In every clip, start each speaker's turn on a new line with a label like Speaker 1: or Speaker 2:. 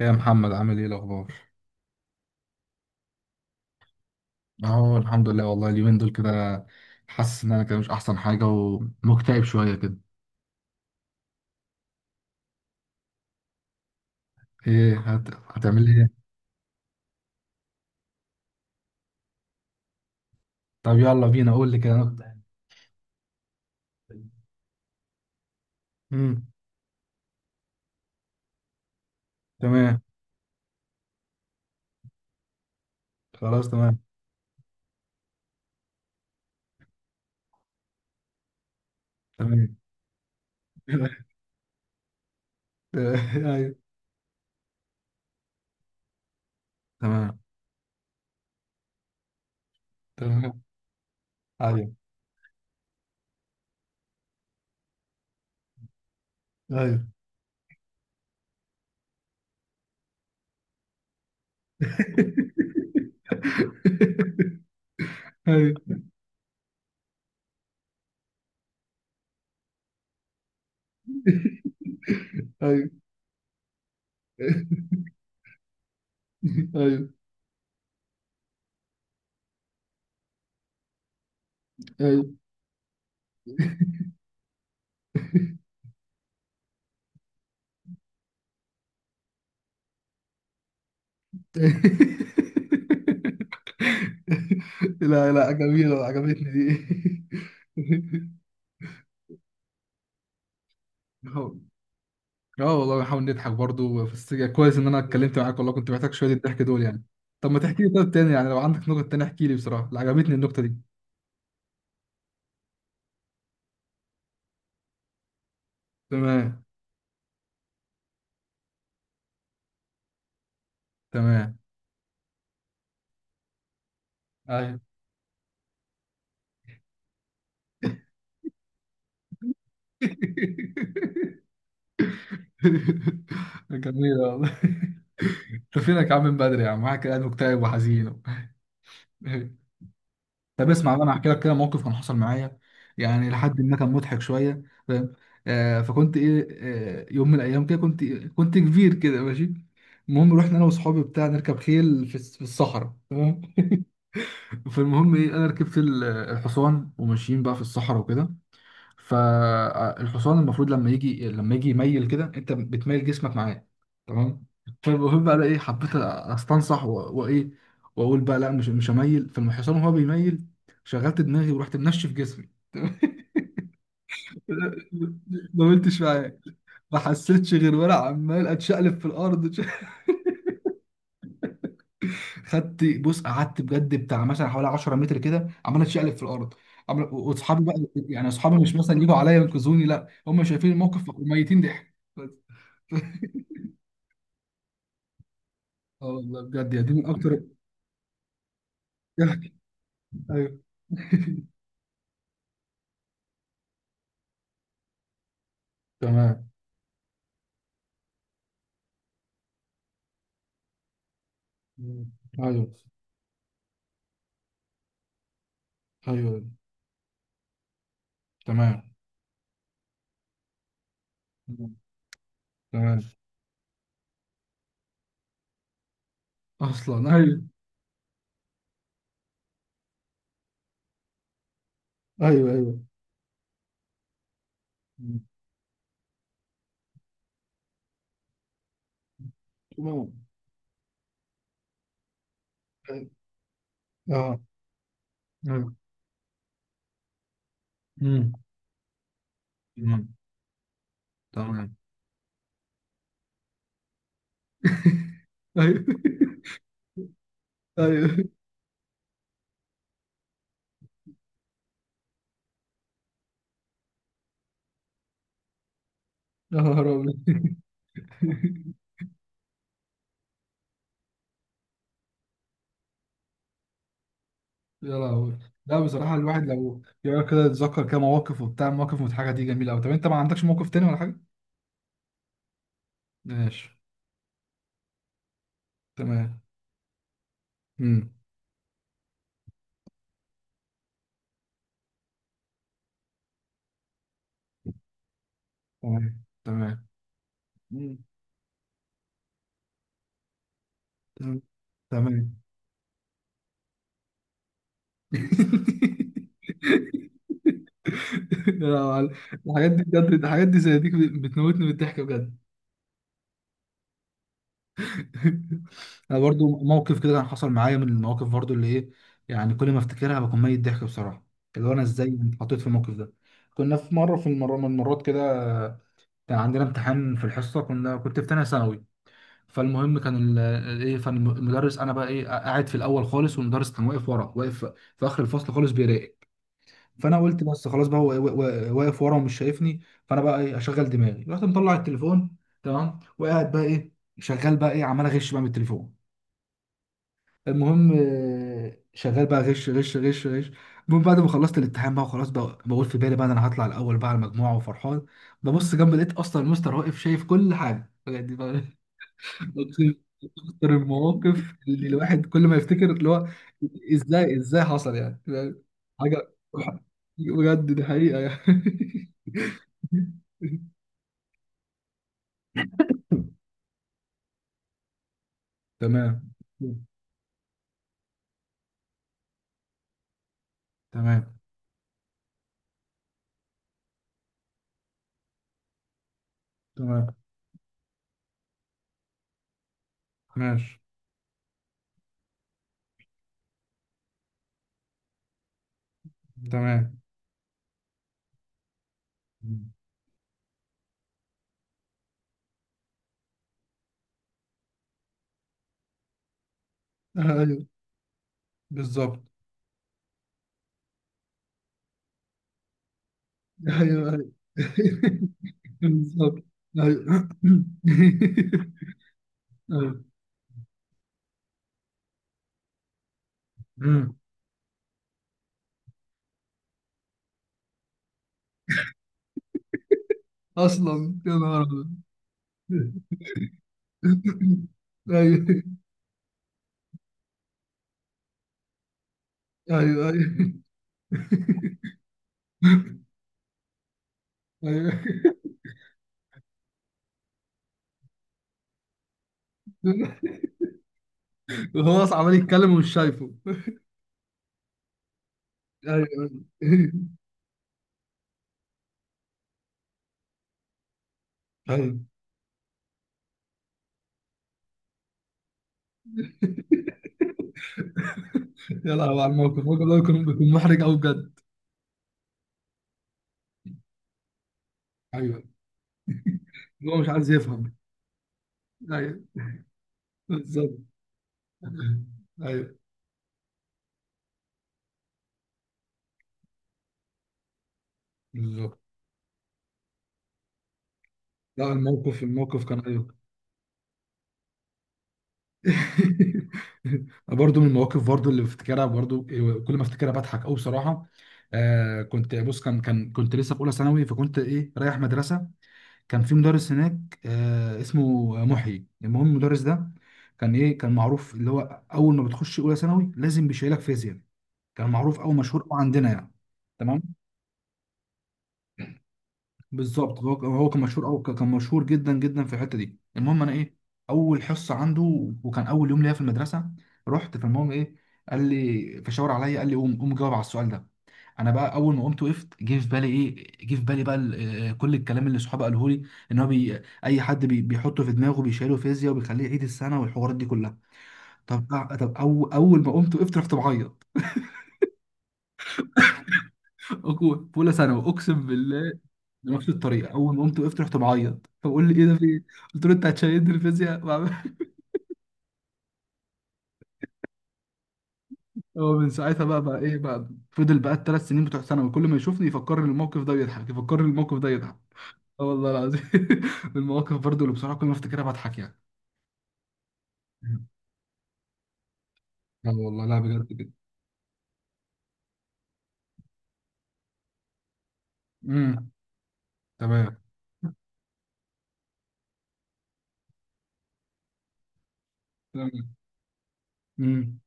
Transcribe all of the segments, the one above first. Speaker 1: يا محمد، عامل ايه الاخبار؟ اهو الحمد لله. والله اليومين دول كده حاسس ان انا كده مش احسن حاجه ومكتئب شويه كده. ايه هتعمل ايه؟ طب يلا بينا، قول لي كده نبدأ. امم. تمام. خلاص، تمام. تمام. ايوه. تمام. تمام. ايوه. ايوه. ايوه، ايوه، ايوه، ايوه. لا لا، جميلة، عجبتني دي. اه. آه والله، بنحاول نضحك برضو في السجن. كويس ان انا اتكلمت معاك والله، كنت محتاج شوية الضحك دول يعني. طب ما تحكي لي طب تاني يعني، لو عندك نقط تانية احكي لي بصراحة، لا عجبتني النقطة دي. تمام. تمام. ايوه. جميلة والله. انت فينك يا عم من بدري يا عم، معاك قاعد مكتئب وحزين. طب اسمع بقى، انا هحكي لك كده موقف كان حصل معايا، يعني لحد ما كان مضحك شويه. فاهم؟ فكنت ايه. آه، يوم من الايام كده كنت كبير كده ماشي. المهم رحنا انا واصحابي بتاع نركب خيل في في الصحراء، تمام. فالمهم ايه، انا ركبت الحصان وماشيين بقى في الصحراء وكده. فالحصان المفروض لما يجي يميل كده، انت بتميل جسمك معاه. تمام. فالمهم بقى ايه، حبيت استنصح وايه، واقول بقى لا، مش هميل. فالحصان وهو بيميل، شغلت دماغي ورحت منشف جسمي. ما قلتش معاه. ما حسيتش غير وانا عمال اتشقلب في الارض. خدت بص، قعدت بجد بتاع مثلا حوالي 10 متر كده عمال اتشقلب في الارض. عمال، واصحابي بقى يعني اصحابي مش مثلا يجوا عليا ينقذوني، لا، هم شايفين الموقف وميتين ضحك بس. اه والله بجد، يعني دي من اكتر. ايوه. تمام. ايوه. ايوه. تمام. تمام. اصلا ايوه. ايوه. ايوه. تمام. اه. ايوه. أمم. تمام. تمام. ايوه. ايوه. يا نهار ابيض. يا لهوي. لا بصراحة، الواحد لو يقعد كده يتذكر كده مواقف وبتاع، مواقف مضحكة دي جميلة أوي. طب أنت ما عندكش موقف تاني ولا حاجة؟ ماشي. تمام. امم. تمام. تمام. امم. تمام. تمام. لا يا معلم. الحاجات دي بجد، الحاجات دي زي دي بتموتني من الضحك بجد. انا برضو موقف كده كان حصل معايا، من المواقف برضو اللي ايه، يعني كل ما افتكرها بكون ميت ضحك بصراحه، اللي هو انا ازاي اتحطيت في الموقف ده. كنا في المره من المرات كده كان عندنا امتحان في الحصه، كنت في تانيه ثانوي. فالمهم كان ايه، فالمدرس انا بقى ايه قاعد في الاول خالص، والمدرس كان واقف ورا، واقف في اخر الفصل خالص بيراقب. فانا قلت بس خلاص بقى، هو واقف ورا ومش شايفني. فانا بقى ايه اشغل دماغي، رحت مطلع التليفون. تمام. وقاعد بقى ايه شغال بقى ايه عمال اغش بقى من التليفون. المهم شغال بقى غش غش غش غش. المهم بعد ما خلصت الامتحان بقى وخلاص، بقى بقول في بالي بقى إن انا هطلع الاول بقى على المجموعه وفرحان. ببص جنب، لقيت اصلا المستر واقف شايف كل حاجه بجد بقى. أقسم- أكتر المواقف اللي الواحد كل ما يفتكر اللي هو إزاي، إزاي حصل يعني؟ فاهم؟ حاجة. بجد دي حقيقة يعني. تمام. تمام. تمام. ماشي. تمام. أيوه. بالظبط. أيوه، أيوه. بالظبط. أيوه. أيوه، أصلا يا نهار أبيض. أيوه، أيوه، أيوه. أيوه. وهو اصلا عمال يتكلم ومش شايفه. ايوه، ايوه. ايوه. يا لهوي على الموقف ده بيكون محرج قوي بجد. ايوه، هو مش عايز يفهم. ايوه. بالظبط. ايوه. بالظبط. لا، الموقف كان ايوه. برضو من المواقف برضو اللي بفتكرها برضو كل ما افتكرها بضحك قوي بصراحه. آه، كنت بص، كان كان كنت لسه في اولى ثانوي، فكنت ايه رايح مدرسه. كان في مدرس هناك اسمه محيي. المهم المدرس ده كان ايه، كان معروف اللي هو اول ما بتخش اولى ثانوي لازم بيشيلك فيزياء، كان معروف او مشهور أوي عندنا يعني. تمام. بالظبط. هو كان مشهور او كان مشهور جدا جدا في الحته دي. المهم انا ايه، اول حصه عنده وكان اول يوم ليا في المدرسه. رحت فالمهم ايه، قال لي فشاور عليا، قال لي قوم قوم جاوب على السؤال ده. انا بقى اول ما قمت وقفت، جه في بالي ايه، جه في بالي بقى كل الكلام اللي صحابي قاله لي، ان هو بي اي حد بيحطه في دماغه بيشيله فيزياء وبيخليه يعيد السنه والحوارات دي كلها. طب طب أو اول ما قمت وقفت رحت بعيط. في اولى ثانوي اقسم بالله. نفس الطريقه اول ما قمت وقفت رحت بعيط، فبقول لي ايه ده في ايه. قلت له انت هتشيلني الفيزياء. هو من ساعتها بقى ايه بقى، فضل بقى الثلاث سنين بتوع ثانوي كل ما يشوفني يفكرني الموقف ده ويضحك، يفكرني الموقف ده يضحك. اه والله العظيم. المواقف برضو اللي بصراحه كل ما افتكرها بضحك يعني. لا والله لا بجد كده. امم. تمام. تمام. امم.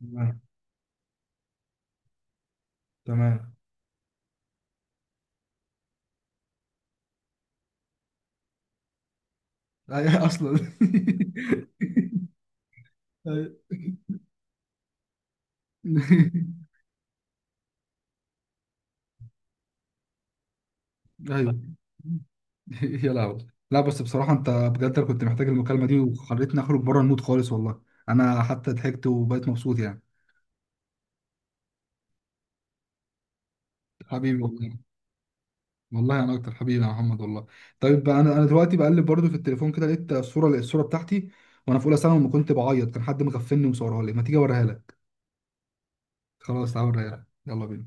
Speaker 1: تمام. تمام. اصلا. أي. ايوه. يا لهوي. لا، بس بصراحة انت بجد، أنا كنت محتاج المكالمة دي، وخلتني اخرج بره المود خالص والله. انا حتى ضحكت وبقيت مبسوط يعني. حبيبي والله. والله انا اكتر، حبيبي يا محمد والله. طيب، انا دلوقتي بقلب برضو في التليفون كده، لقيت الصورة بتاعتي وانا في اولى ثانوي لما كنت بعيط. كان حد مغفلني وصورها لي. ما تيجي اوريها لك؟ خلاص تعالى اوريها لك. يلا بينا.